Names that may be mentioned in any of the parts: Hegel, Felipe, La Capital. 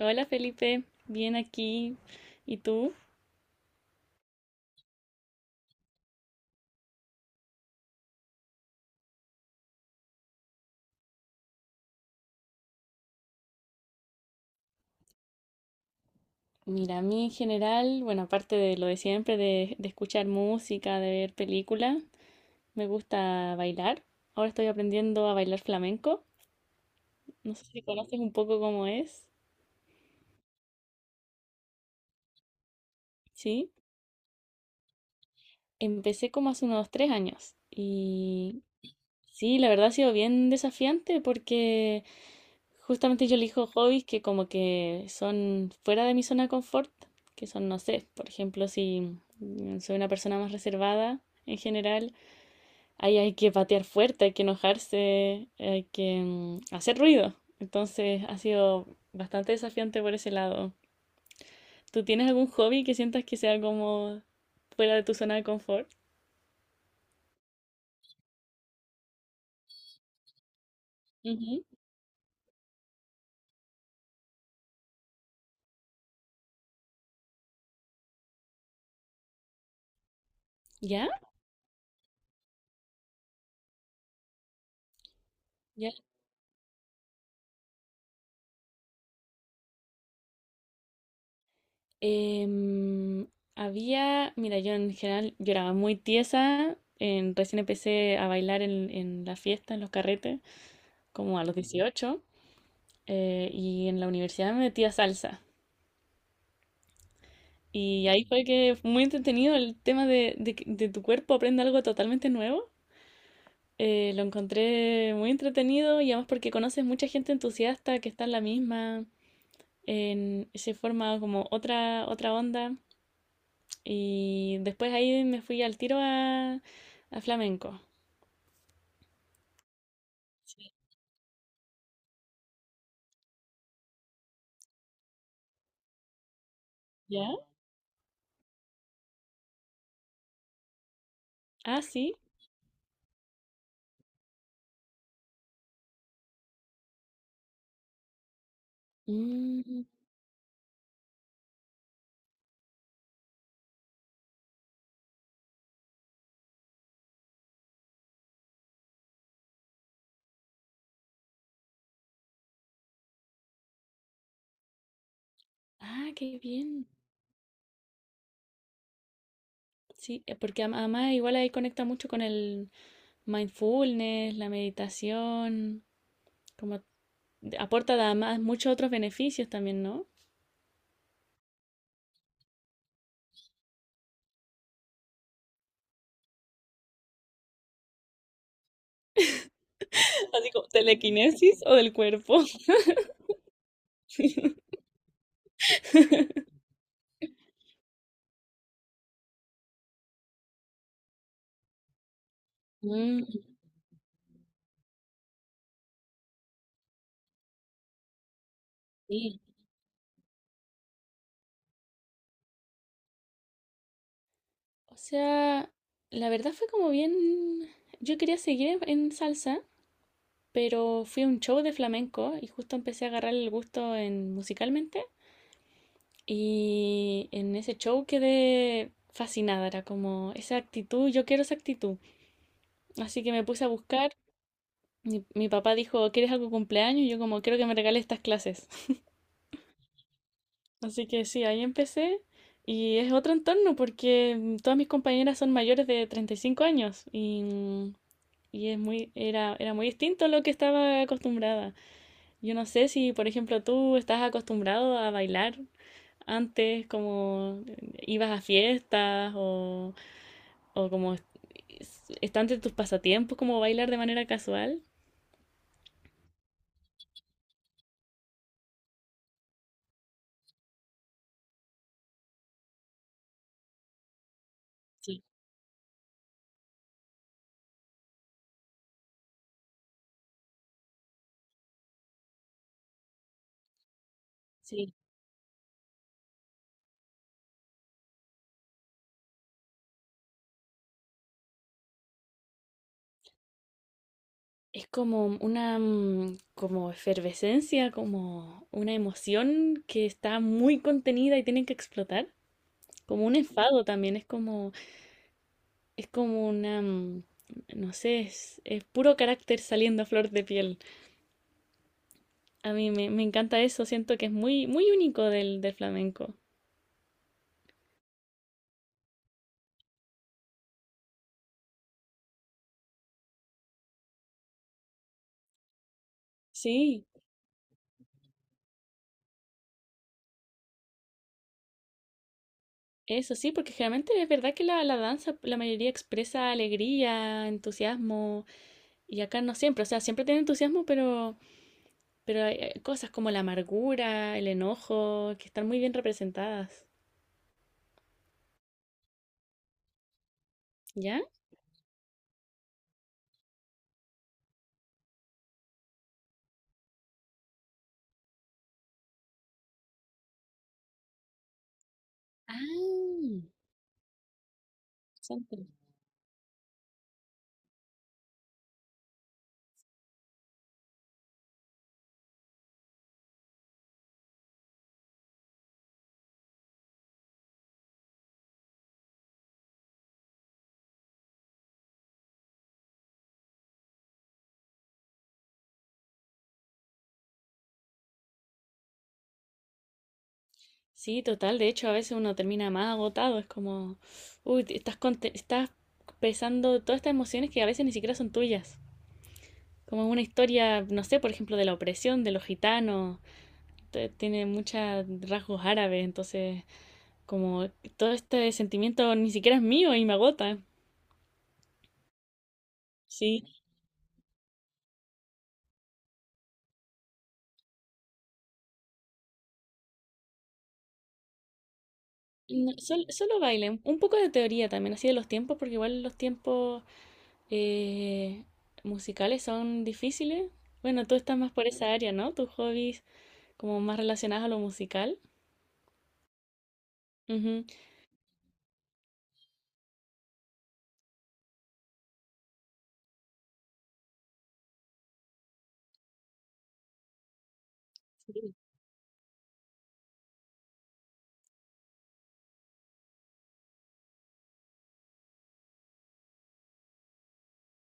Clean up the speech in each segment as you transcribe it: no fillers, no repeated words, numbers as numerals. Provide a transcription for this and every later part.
Hola Felipe, bien aquí. ¿Y tú? Mira, a mí en general, bueno, aparte de lo de siempre, de escuchar música, de ver películas, me gusta bailar. Ahora estoy aprendiendo a bailar flamenco. No sé si conoces un poco cómo es. Sí, empecé como hace unos tres años. Y sí, la verdad ha sido bien desafiante porque justamente yo elijo hobbies que como que son fuera de mi zona de confort, que son, no sé, por ejemplo, si mm, soy una persona más reservada en general, ahí hay que patear fuerte, hay que enojarse, hay que hacer ruido. Entonces ha sido bastante desafiante por ese lado. ¿Tú tienes algún hobby que sientas que sea como fuera de tu zona de confort? Ujú. ¿Ya? Em, Había, mira, yo en general yo era muy tiesa. Recién empecé a bailar en la fiesta, en los carretes, como a los 18 y en la universidad me metí a salsa. Y ahí fue que fue muy entretenido el tema de, de tu cuerpo aprende algo totalmente nuevo. Lo encontré muy entretenido y además porque conoces mucha gente entusiasta que está en la misma, en, se forma como otra, otra onda. Y después ahí me fui al tiro a flamenco. ¿Ya? Ah, sí. Mm, ah, qué bien. Sí, porque además igual ahí conecta mucho con el mindfulness, la meditación, como aporta además muchos otros beneficios también, ¿no? Así como telequinesis o del cuerpo. Mm, sí. O sea, la verdad fue como bien... Yo quería seguir en salsa, pero fui a un show de flamenco y justo empecé a agarrar el gusto en musicalmente y en ese show quedé fascinada, era como esa actitud, yo quiero esa actitud. Así que me puse a buscar, mi papá dijo, ¿quieres algo de cumpleaños? Y yo como, quiero que me regales estas clases. Así que sí, ahí empecé y es otro entorno porque todas mis compañeras son mayores de 35 años y, y es muy, era, era muy distinto a lo que estaba acostumbrada. Yo no sé si, por ejemplo, tú estás acostumbrado a bailar antes, como ibas a fiestas o está entre tus pasatiempos, como bailar de manera casual. Sí, sí. Es como una como efervescencia, como una emoción que está muy contenida y tienen que explotar. Como un enfado también, es como una, no sé, es puro carácter saliendo a flor de piel. A mí me, me encanta eso, siento que es muy, muy único del, del flamenco. Sí, eso sí, porque generalmente es verdad que la danza, la mayoría expresa alegría, entusiasmo, y acá no siempre, o sea, siempre tiene entusiasmo, pero hay cosas como la amargura, el enojo, que están muy bien representadas. ¿Ya? Ah, interesante. Sí, total, de hecho a veces uno termina más agotado, es como, uy, estás, estás pesando todas estas emociones que a veces ni siquiera son tuyas. Como una historia, no sé, por ejemplo, de la opresión de los gitanos, tiene muchos rasgos árabes, entonces como todo este sentimiento ni siquiera es mío y me agota, sí. No, solo baile, un poco de teoría también, así de los tiempos, porque igual los tiempos eh, musicales son difíciles. Bueno, tú estás más por esa área, ¿no? Tus hobbies como más relacionados a lo musical. Ujú.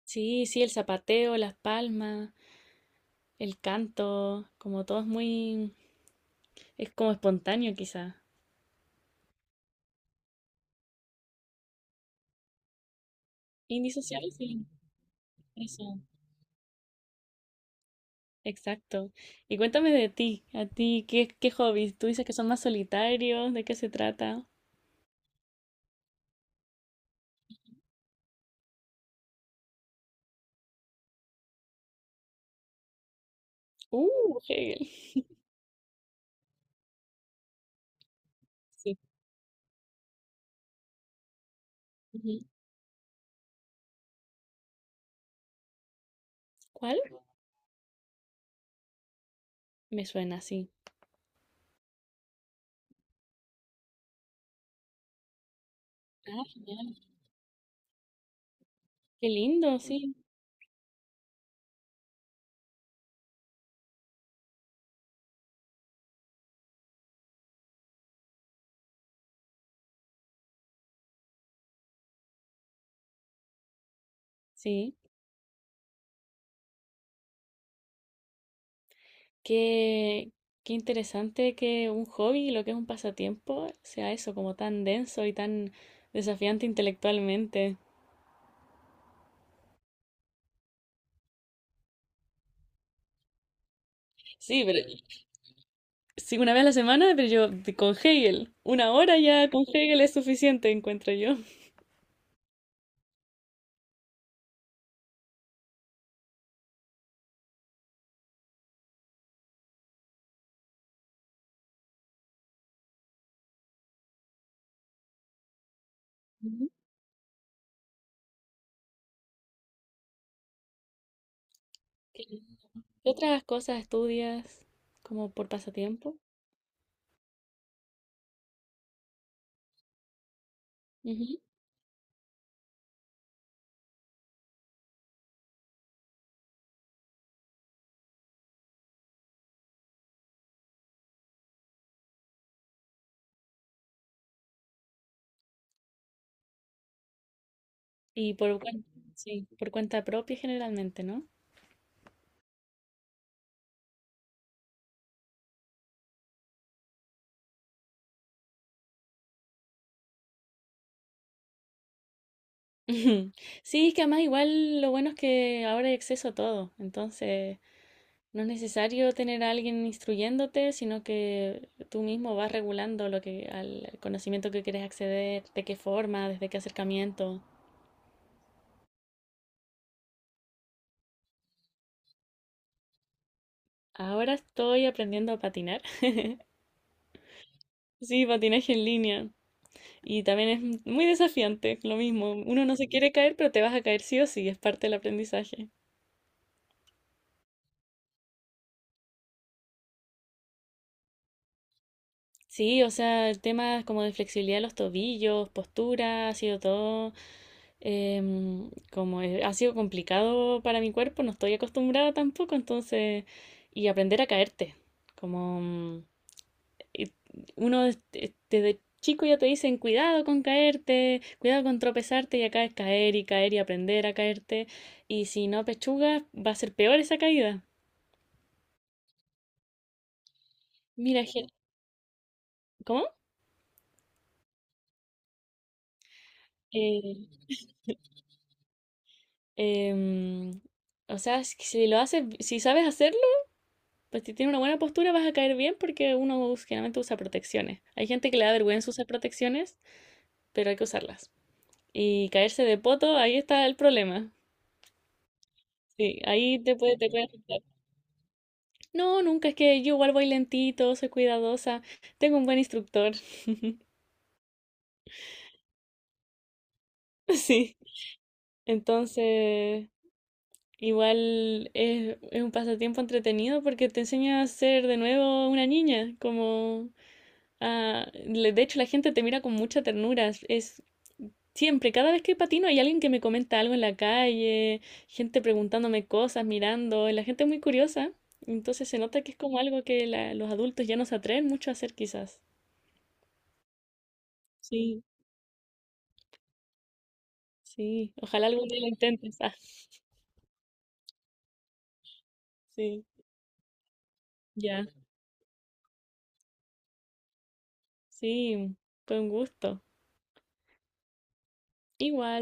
Sí, sí, el zapateo, las palmas, el canto, como todo es muy... Es como espontáneo, quizá. Indisociable, sí. Eso. Exacto. Y cuéntame de ti, a ti, ¿qué, qué hobbies? Tú dices que son más solitarios, ¿de qué se trata? Uh, Hegel. Sí. Ujú. ¿Cuál? Me suena sí. Ah, genial. Qué lindo, sí. Sí. Qué, qué interesante que un hobby, lo que es un pasatiempo, sea eso, como tan denso y tan desafiante intelectualmente. Sí, pero... Sí, una vez a la semana, pero yo con Hegel. Una hora ya con Hegel es suficiente, encuentro yo. Ujú. ¿Qué otras cosas estudias como por pasatiempo? Ujú. Y por cuenta, sí, por cuenta propia generalmente, ¿no? Ujú. Sí, es que además igual lo bueno es que ahora hay acceso a todo, entonces no es necesario tener a alguien instruyéndote, sino que tú mismo vas regulando lo que al conocimiento que quieres acceder, de qué forma, desde qué acercamiento. Ahora estoy aprendiendo a patinar. Sí, patinaje en línea. Y también es muy desafiante, lo mismo. Uno no se quiere caer, pero te vas a caer sí o sí, es parte del aprendizaje. Sí, o sea, el tema como de flexibilidad de los tobillos, postura, ha sido todo como ha sido complicado para mi cuerpo, no estoy acostumbrada tampoco, entonces, y aprender a caerte, como uno este, desde chico ya te dicen cuidado con caerte, cuidado con tropezarte y acá es caer y caer y aprender a caerte. Y si no pechugas, va a ser peor esa caída. Mira, ¿cómo? Eh, em, o sea, si lo haces, si sabes hacerlo, pues si tienes una buena postura vas a caer bien porque generalmente usa protecciones. Hay gente que le da vergüenza usar protecciones, pero hay que usarlas. Y caerse de poto, ahí está el problema. Sí, ahí te puede... No, nunca, es que yo igual voy lentito, soy cuidadosa, tengo un buen instructor, sí. Entonces, igual es un pasatiempo entretenido porque te enseña a ser de nuevo una niña, como de hecho la gente te mira con mucha ternura, es siempre, cada vez que patino hay alguien que me comenta algo en la calle, gente preguntándome cosas, mirando, y la gente es muy curiosa, entonces se nota que es como algo que los adultos ya no se atreven mucho a hacer quizás. Sí. Sí, ojalá algún día lo intentes. Ah, sí, ya. Sí, fue un gusto. Igual.